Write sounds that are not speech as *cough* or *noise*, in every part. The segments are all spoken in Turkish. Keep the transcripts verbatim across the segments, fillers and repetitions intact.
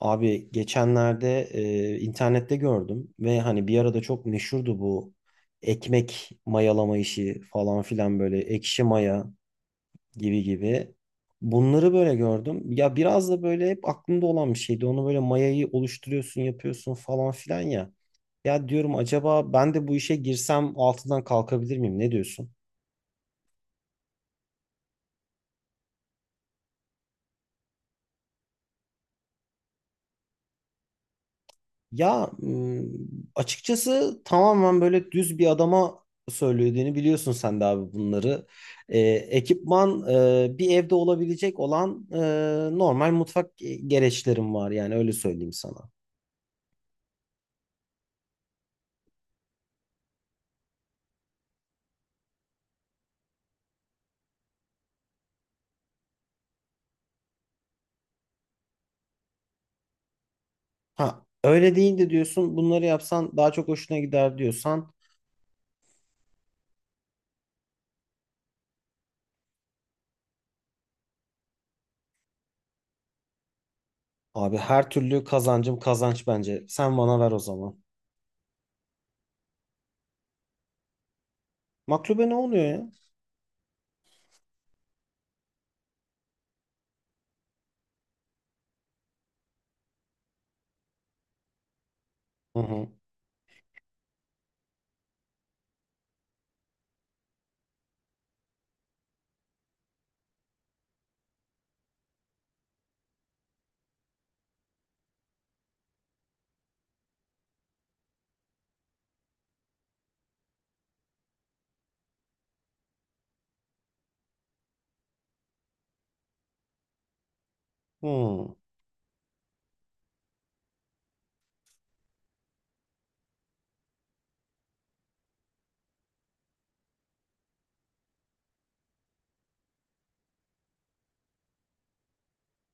Abi geçenlerde e, internette gördüm ve hani bir arada çok meşhurdu bu ekmek mayalama işi falan filan böyle ekşi maya gibi gibi. Bunları böyle gördüm. Ya biraz da böyle hep aklımda olan bir şeydi. Onu böyle mayayı oluşturuyorsun, yapıyorsun falan filan ya. Ya diyorum acaba ben de bu işe girsem altından kalkabilir miyim? Ne diyorsun? Ya m, açıkçası tamamen böyle düz bir adama söylediğini biliyorsun sen de abi bunları. Ee, ekipman, e, bir evde olabilecek olan, e, normal mutfak gereçlerim var yani öyle söyleyeyim sana. Ha öyle değil de diyorsun bunları yapsan daha çok hoşuna gider diyorsan abi her türlü kazancım kazanç bence. Sen bana ver o zaman. Maklube ne oluyor ya? Hı hı. Hı.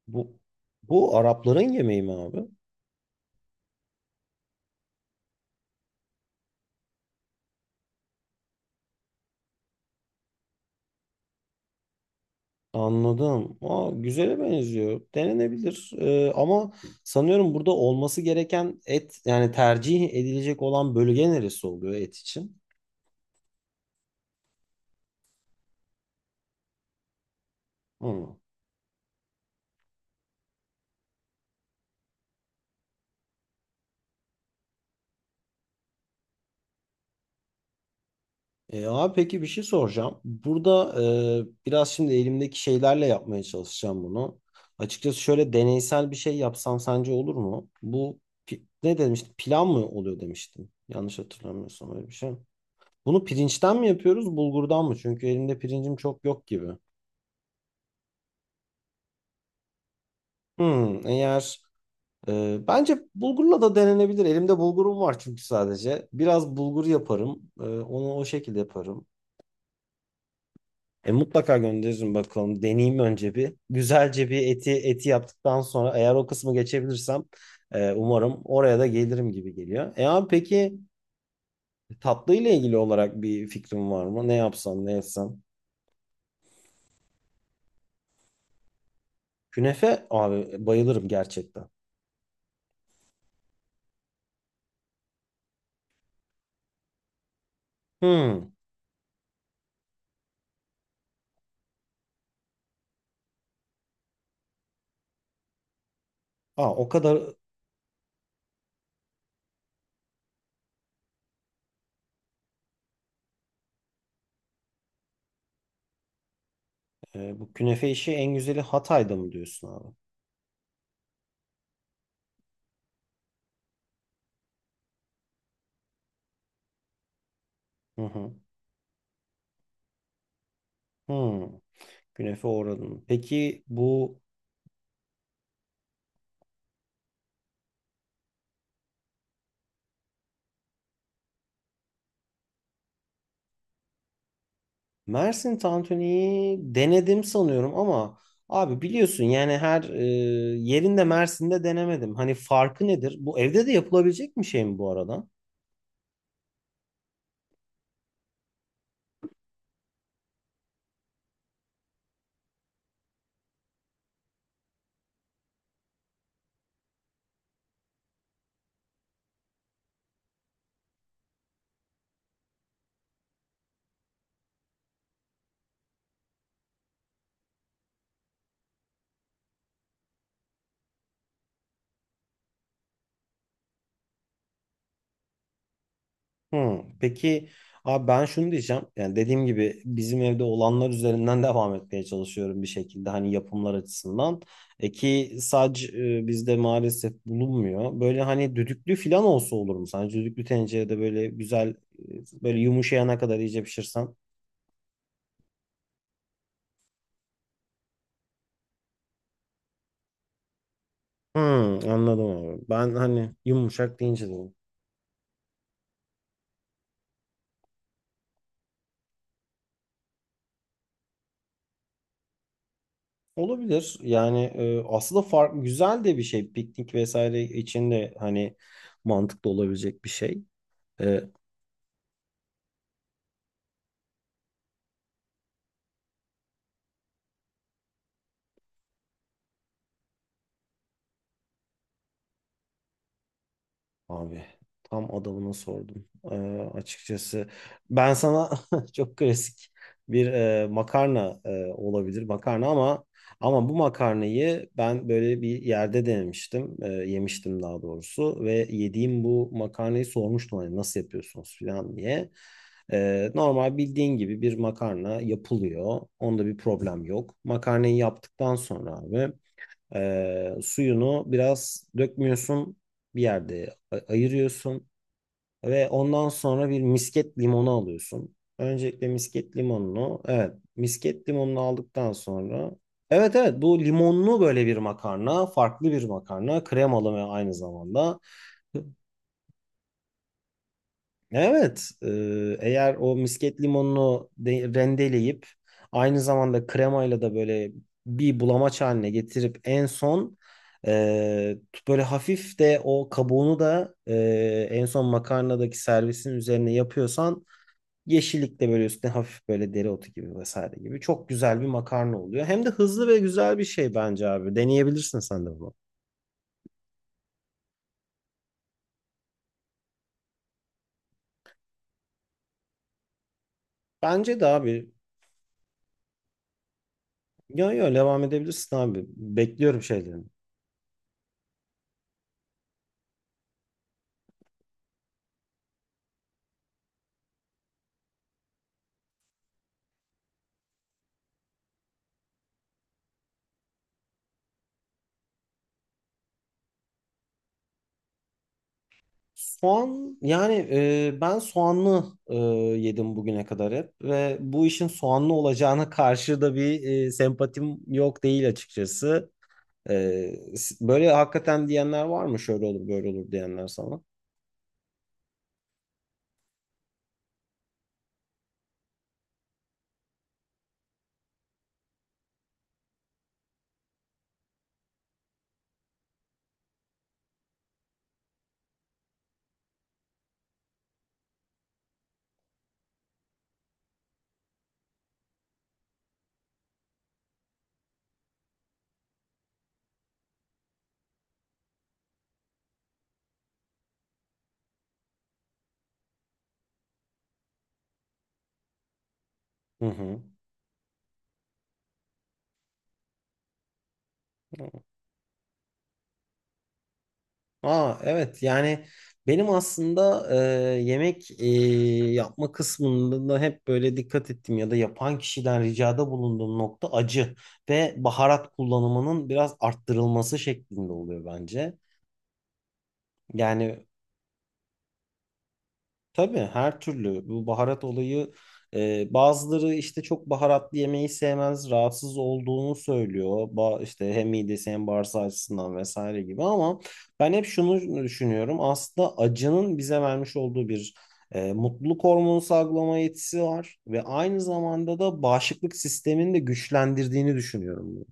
Bu bu Arapların yemeği mi abi? Anladım. Aa, güzele benziyor. Denenebilir. Ee, ama sanıyorum burada olması gereken et yani tercih edilecek olan bölge neresi oluyor et için? Hı. E abi peki bir şey soracağım. Burada e, biraz şimdi elimdeki şeylerle yapmaya çalışacağım bunu. Açıkçası şöyle deneysel bir şey yapsam sence olur mu? Bu pi- ne demiştim? Pilav mı oluyor demiştim. Yanlış hatırlamıyorsam öyle bir şey. Bunu pirinçten mi yapıyoruz, bulgurdan mı? Çünkü elimde pirincim çok yok gibi. Hmm, eğer Ee, bence bulgurla da denenebilir. Elimde bulgurum var çünkü sadece. Biraz bulgur yaparım. Ee, onu o şekilde yaparım. E, mutlaka gönderirim bakalım. Deneyeyim önce bir. Güzelce bir eti eti yaptıktan sonra eğer o kısmı geçebilirsem e, umarım oraya da gelirim gibi geliyor. E abi peki tatlı ile ilgili olarak bir fikrin var mı? Ne yapsam ne etsem? Künefe abi bayılırım gerçekten. Hmm. Aa, o kadar. E, bu künefe işi en güzeli Hatay'da mı diyorsun abi? Hı hı. Hmm. Günefe uğradım. Peki bu Mersin tantuniyi denedim sanıyorum ama abi biliyorsun yani her, e, yerinde Mersin'de denemedim. Hani farkı nedir? Bu evde de yapılabilecek bir şey mi bu arada? Hmm, peki abi ben şunu diyeceğim. Yani dediğim gibi bizim evde olanlar üzerinden *laughs* devam etmeye çalışıyorum bir şekilde hani yapımlar açısından. E ki sac, e, bizde maalesef bulunmuyor. Böyle hani düdüklü falan olsa olur mu? Sence düdüklü tencerede böyle güzel, e, böyle yumuşayana kadar iyice pişirsen. Hmm, anladım abi. Ben hani yumuşak deyince dedim. Olabilir. Yani e, aslında fark güzel de bir şey. Piknik vesaire için de hani mantıklı olabilecek bir şey. E, abi tam adamına sordum. Ee, açıkçası ben sana *laughs* çok klasik bir, e, makarna, e, olabilir makarna ama ama bu makarnayı ben böyle bir yerde denemiştim. E, yemiştim daha doğrusu ve yediğim bu makarnayı sormuştum hani nasıl yapıyorsunuz falan diye. E, normal bildiğin gibi bir makarna yapılıyor. Onda bir problem yok. Makarnayı yaptıktan sonra abi ee, suyunu biraz dökmüyorsun. Bir yerde a- ayırıyorsun. Ve ondan sonra bir misket limonu alıyorsun. Öncelikle misket limonunu. Evet. Misket limonunu aldıktan sonra. Evet evet bu limonlu böyle bir makarna. Farklı bir makarna. Kremalı ve aynı zamanda. Evet, e, eğer o misket limonunu de- rendeleyip aynı zamanda kremayla da böyle bir bulamaç haline getirip en son, e, t- böyle hafif de o kabuğunu da e, en son makarnadaki servisin üzerine yapıyorsan yeşillik de böyle üstüne hafif böyle dereotu gibi vesaire gibi çok güzel bir makarna oluyor. Hem de hızlı ve güzel bir şey bence abi. Deneyebilirsin sen de bunu. Bence de abi. Yo yo devam edebilirsin abi. Bekliyorum şeylerini. Soğan yani e, ben soğanlı e, yedim bugüne kadar hep ve bu işin soğanlı olacağına karşı da bir, e, sempatim yok değil açıkçası. E, s- böyle hakikaten diyenler var mı? Şöyle olur böyle olur diyenler sana. Hı hı. Aa evet yani benim aslında, e, yemek e, yapma kısmında da hep böyle dikkat ettim ya da yapan kişiden ricada bulunduğum nokta acı ve baharat kullanımının biraz arttırılması şeklinde oluyor bence. Yani tabii her türlü bu baharat olayı, e, bazıları işte çok baharatlı yemeği sevmez, rahatsız olduğunu söylüyor. Ba işte hem midesi hem bağırsağı açısından vesaire gibi ama ben hep şunu düşünüyorum. Aslında acının bize vermiş olduğu bir, e, mutluluk hormonu salgılama yetisi var ve aynı zamanda da bağışıklık sistemini de güçlendirdiğini düşünüyorum bunu.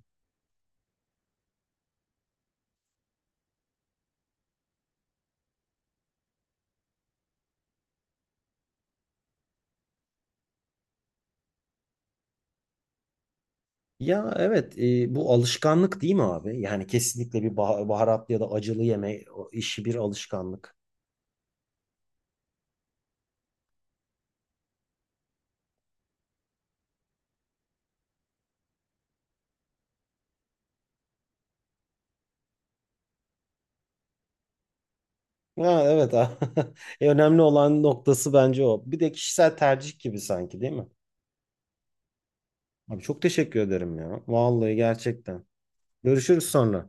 Ya evet, e, bu alışkanlık değil mi abi? Yani kesinlikle bir bah- baharatlı ya da acılı yeme işi bir alışkanlık. Ha, evet. *laughs* E, önemli olan noktası bence o. Bir de kişisel tercih gibi sanki değil mi? Abi çok teşekkür ederim ya. Vallahi gerçekten. Görüşürüz sonra.